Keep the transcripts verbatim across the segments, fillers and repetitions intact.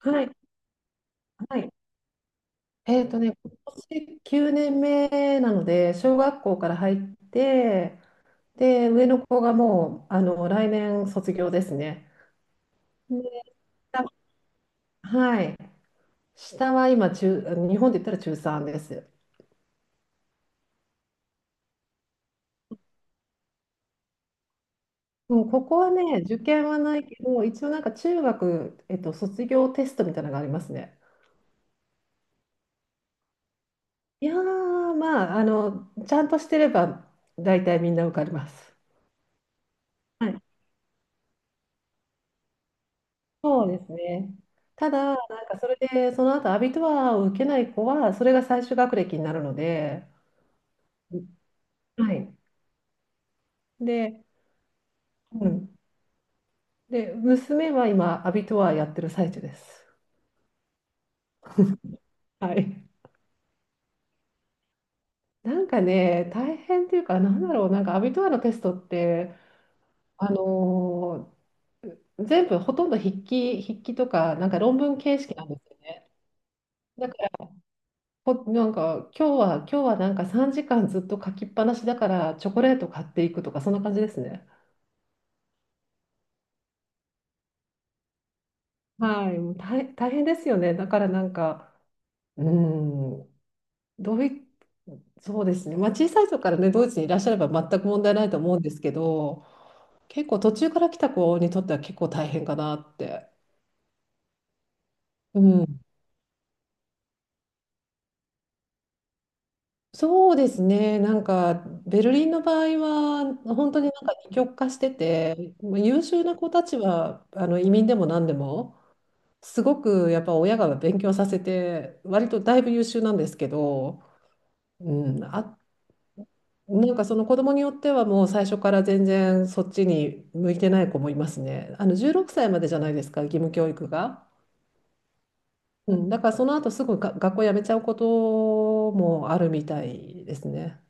はい、はい。えっとね、今年きゅうねんめなので、小学校から入って、で、上の子がもう、あの、来年卒業ですね。で、下はい。下は今中、日本で言ったら中さんです。もうここはね、受験はないけど、一応なんか中学、えっと、卒業テストみたいなのがありますね。いやー、まあ、あの、ちゃんとしてれば、大体みんな受かります。はい、そうですね。ただ、なんかそれで、その後アビトワーを受けない子は、それが最終学歴になるので、はい。で、うん。で、娘は今、アビトワーやってる最中です。はい。なんかね、大変っていうか、なんだろう、なんかアビトワーのテストって、あのー全部ほとんど筆記、筆記とか、なんか論文形式なんですよね。だかほ、なんか今日は今日はなんかさんじかんずっと書きっぱなしだからチョコレート買っていくとかそんな感じですね。はい、もう大、大変ですよね。だからなんか、うーん、どうい、そうですね。まあ小さい人からね、ドイツにいらっしゃれば全く問題ないと思うんですけど、結構途中から来た子にとっては結構大変かなって。うん。そうですね。なんかベルリンの場合は本当になんか二極化してて、まあ優秀な子たちはあの移民でも何でも。すごくやっぱ親が勉強させて、割とだいぶ優秀なんですけど、うん、あ、なんかその子供によってはもう最初から全然そっちに向いてない子もいますね。あのじゅうろくさいまでじゃないですか、義務教育が。うん、だからその後すぐが学校辞めちゃうこともあるみたいですね。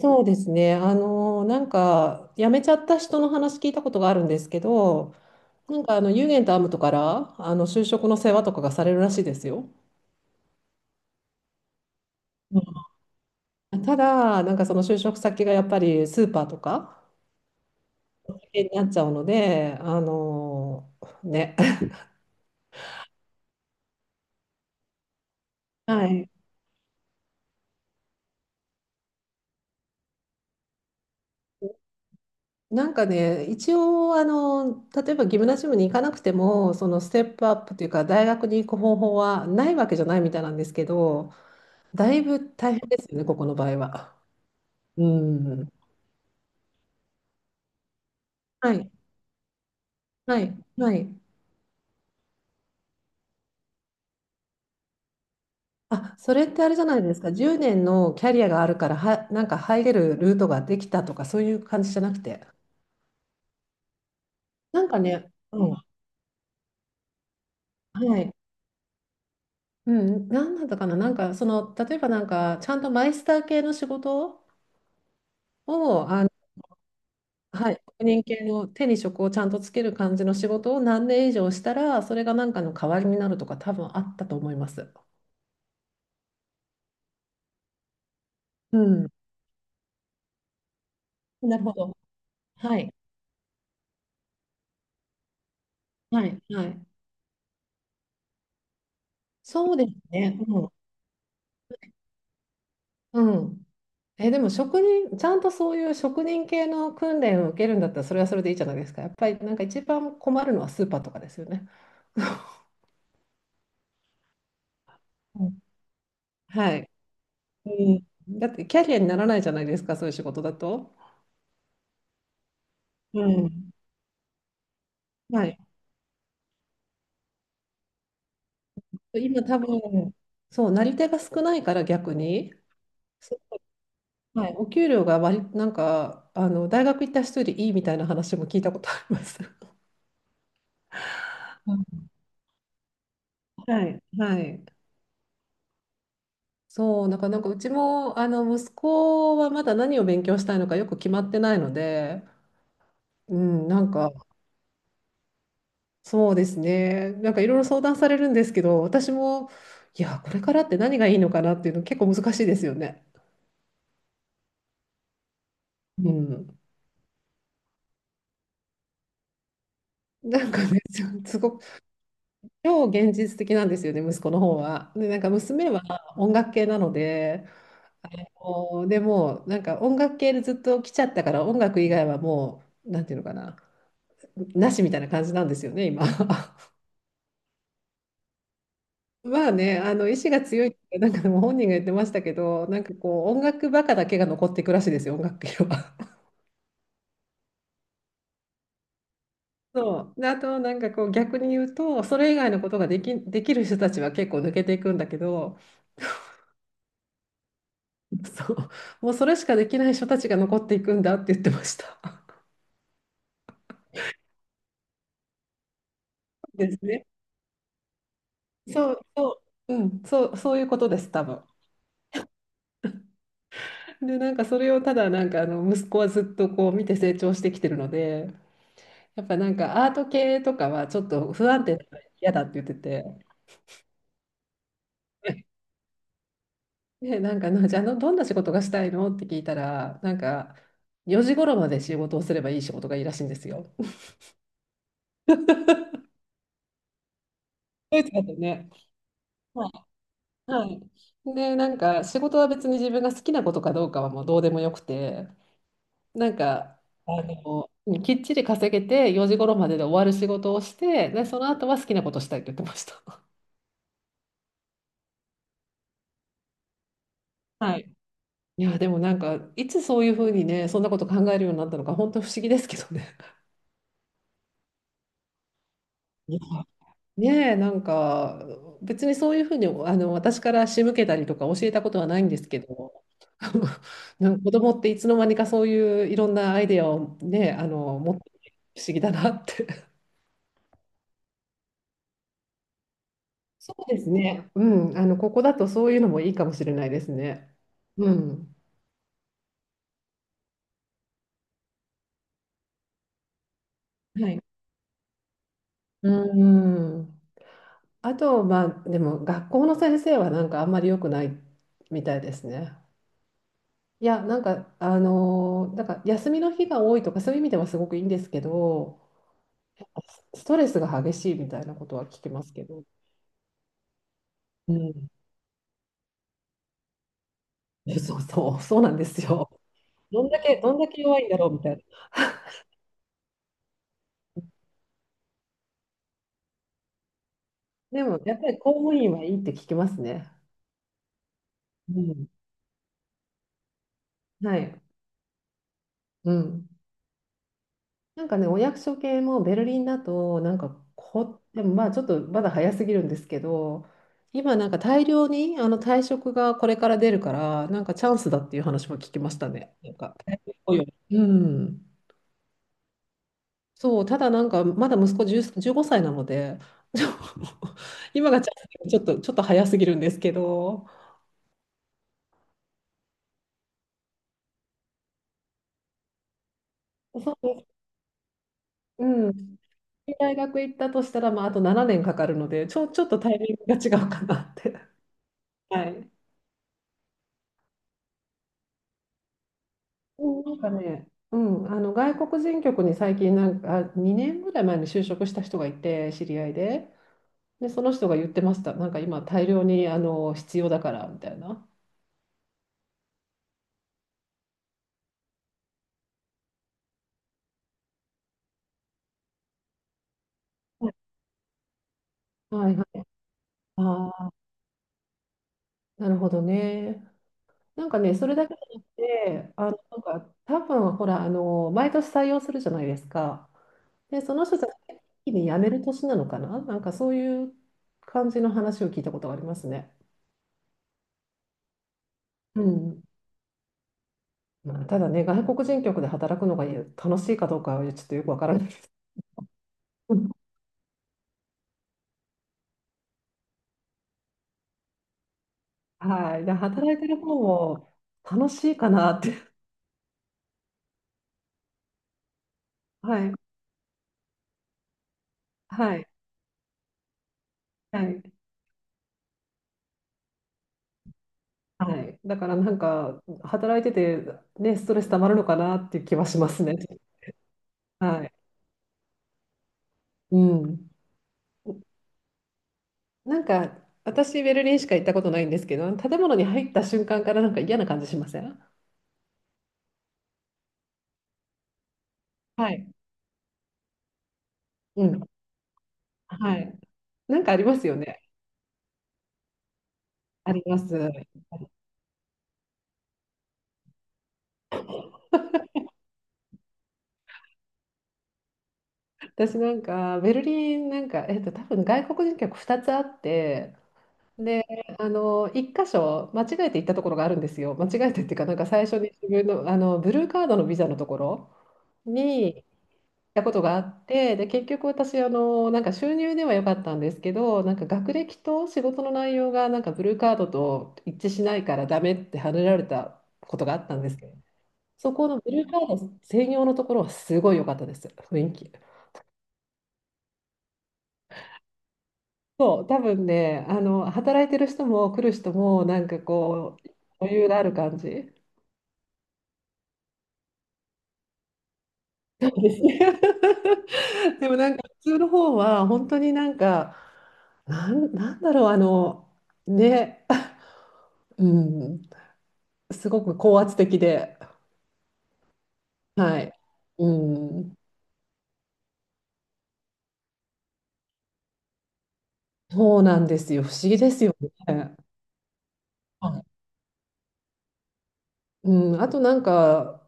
そうですね。あの、なんか、辞めちゃった人の話聞いたことがあるんですけど、なんか、あの、ユーゲンとアムトから、あの、就職の世話とかがされるらしいですよ。ただ、なんかその就職先がやっぱりスーパーとかになっちゃうので、あのね。はい。なんかね、一応、あの、例えばギムナジムに行かなくても、そのステップアップというか、大学に行く方法はないわけじゃないみたいなんですけど、だいぶ大変ですよね、ここの場合は。うん。はい、はい、はい。あ、それってあれじゃないですか、じゅうねんのキャリアがあるからは、なんか入れるルートができたとか、そういう感じじゃなくて。なんかね、うん。はい。うん、なんだったかな、なんかその例えばなんかちゃんとマイスター系の仕事をあのはい。職人系の手に職をちゃんとつける感じの仕事を何年以上したらそれがなんかの代わりになるとか多分あったと思います。うん。なるほど。はい。はい。はい。そうですね。うん。うん。え、でも職人、ちゃんとそういう職人系の訓練を受けるんだったらそれはそれでいいじゃないですか。やっぱりなんか一番困るのはスーパーとかですよね。うん、はい。うん、だってキャリアにならないじゃないですか、そういう仕事だと。うん。はい。今多分、そう、なり手が少ないから逆に、そはい、お給料が割り、なんか、あの、大学行った人よりいいみたいな話も聞いたことあります。うん、はい、はい。そう、なんか、なんかうちも、あの、息子はまだ何を勉強したいのかよく決まってないので、うん、なんんか、そうですね。なんかいろいろ相談されるんですけど、私も、いや、これからって何がいいのかなっていうの結構難しいですよね。うん、なんかね、すごく、超現実的なんですよね、息子の方は。で、なんか娘は音楽系なので、もうでも、なんか音楽系でずっと来ちゃったから、音楽以外はもう、なんていうのかな、なしみたいな感じなんですよね、今。まあね、あの意志が強いって、なんかでも本人が言ってましたけど、なんかこう、音楽バカだけが残っていくらしいですよ、音楽系は。そう。で、あと、なんかこう、逆に言うと、それ以外のことができ、できる人たちは結構抜けていくんだけど、そう。もうそれしかできない人たちが残っていくんだって言ってました。ですね。そう、そう、うん、そう、そういうことです、多分。で、なんかそれをただ、なんかあの、息子はずっとこう、見て成長してきてるので、やっぱなんかアート系とかはちょっと不安定だから嫌だって言ってて、で、なんかな、じゃああの、どんな仕事がしたいのって聞いたら、なんか、よじ頃まで仕事をすればいい仕事がいいらしいんですよ。ドイツだとね。はい。はい。で、なんか仕事は別に自分が好きなことかどうかはもうどうでもよくて、なんか、あの、きっちり稼げてよじ頃までで終わる仕事をして、で、その後は好きなことしたいって言ってました。はい。いや、でもなんか、いつそういうふうにね、そんなこと考えるようになったのか、本当不思議ですけどね。いや、ねえ、なんか、別にそういうふうに、あの、私から仕向けたりとか教えたことはないんですけど、なんか子供っていつの間にかそういういろんなアイデアをね、あの、持ってて不思議だなって。そうですね。うん、あの、ここだとそういうのもいいかもしれないですね。うん。はい。うん。あと、まあ、でも学校の先生はなんかあんまり良くないみたいですね。いや、なんか、あのーなんか休みの日が多いとかそういう意味ではすごくいいんですけど、ストレスが激しいみたいなことは聞きますけど、うん、えそうそう、そうなんですよ。どんだけ、どんだけ弱いんだろうみたいな。でも、やっぱり公務員はいいって聞きますね。うん。はい。うん。なんかね、お役所系もベルリンだと、なんかこ、でもまあちょっとまだ早すぎるんですけど、今なんか大量にあの退職がこれから出るから、なんかチャンスだっていう話も聞きましたね。なんか、うん。そう、ただなんか、まだ息子じゅう、じゅうごさいなので、ちょ 今がチャンスちょっと、ちょっと早すぎるんですけど、そうです、うん、大学行ったとしたら、まあ、あとななねんかかるので、ちょ、ちょっとタイミングが違うかなって。はい。うん、なんかね、うん、あの外国人局に最近なんか、にねんぐらい前に就職した人がいて、知り合いで、で、その人が言ってました、なんか今、大量にあの必要だからみたいな。はいはいはい。ああ、なるほどね。なんかね、それだけじゃなくて、あの、なんか、多分ほら、あの、毎年採用するじゃないですか。で、その人たちが一気に辞める年なのかな、なんかそういう感じの話を聞いたことがありますね。うん。まあ、ただね、外国人局で働くのが楽しいかどうかはちょっとよくわからないです。ん、はい。で、働いてる方も楽しいかなって。はい。はい。はい。はい。だからなんか、働いてて、ね、ストレス溜まるのかなっていう気はしますね。はい。うん。なんか、私、ベルリンしか行ったことないんですけど、建物に入った瞬間からなんか嫌な感じしません？はい。うん。はい。なんかありますよね。あります。私なんか、ベルリン、なんか、えっと、多分外国人客ふたつあって、で、あの、一箇所、間違えて行ったところがあるんですよ。間違えてっていうか、なんか最初に自分の、あの、ブルーカードのビザのところに、たことがあって、で、結局私、あの、なんか収入では良かったんですけど、なんか学歴と仕事の内容がなんかブルーカードと一致しないからダメってはねられたことがあったんですけど、そこのブルーカード専用のところはすごい良かったです、雰囲気。そう、多分ね、あの、働いてる人も来る人も、なんかこう、余裕がある感じ。でもなんか普通の方は本当になんか、なん、なんだろう、あの、ね、うん、すごく高圧的で、はい。うん。そうなんですよ。不思議ですよね。はい。うん。あとなんか、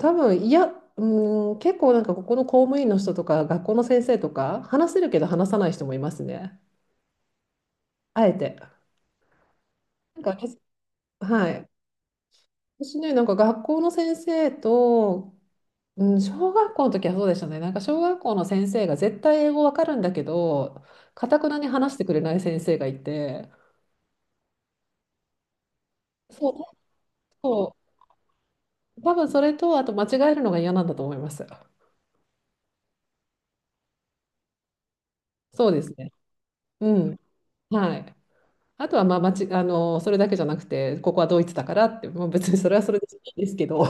多分、いや、うん、結構なんかここの公務員の人とか、学校の先生とか、話せるけど話さない人もいますね。あえて。なんか、けはい。私ね、なんか学校の先生と、うん、小学校の時はそうでしたね。なんか小学校の先生が絶対英語わかるんだけど、かたくなに話してくれない先生がいて、そう、多分それと、あと間違えるのが嫌なんだと思います。そうですね。うん。はい。あとは、まあ、まち、あの、それだけじゃなくて、ここはドイツだからって、もう別にそれはそれでいいですけど、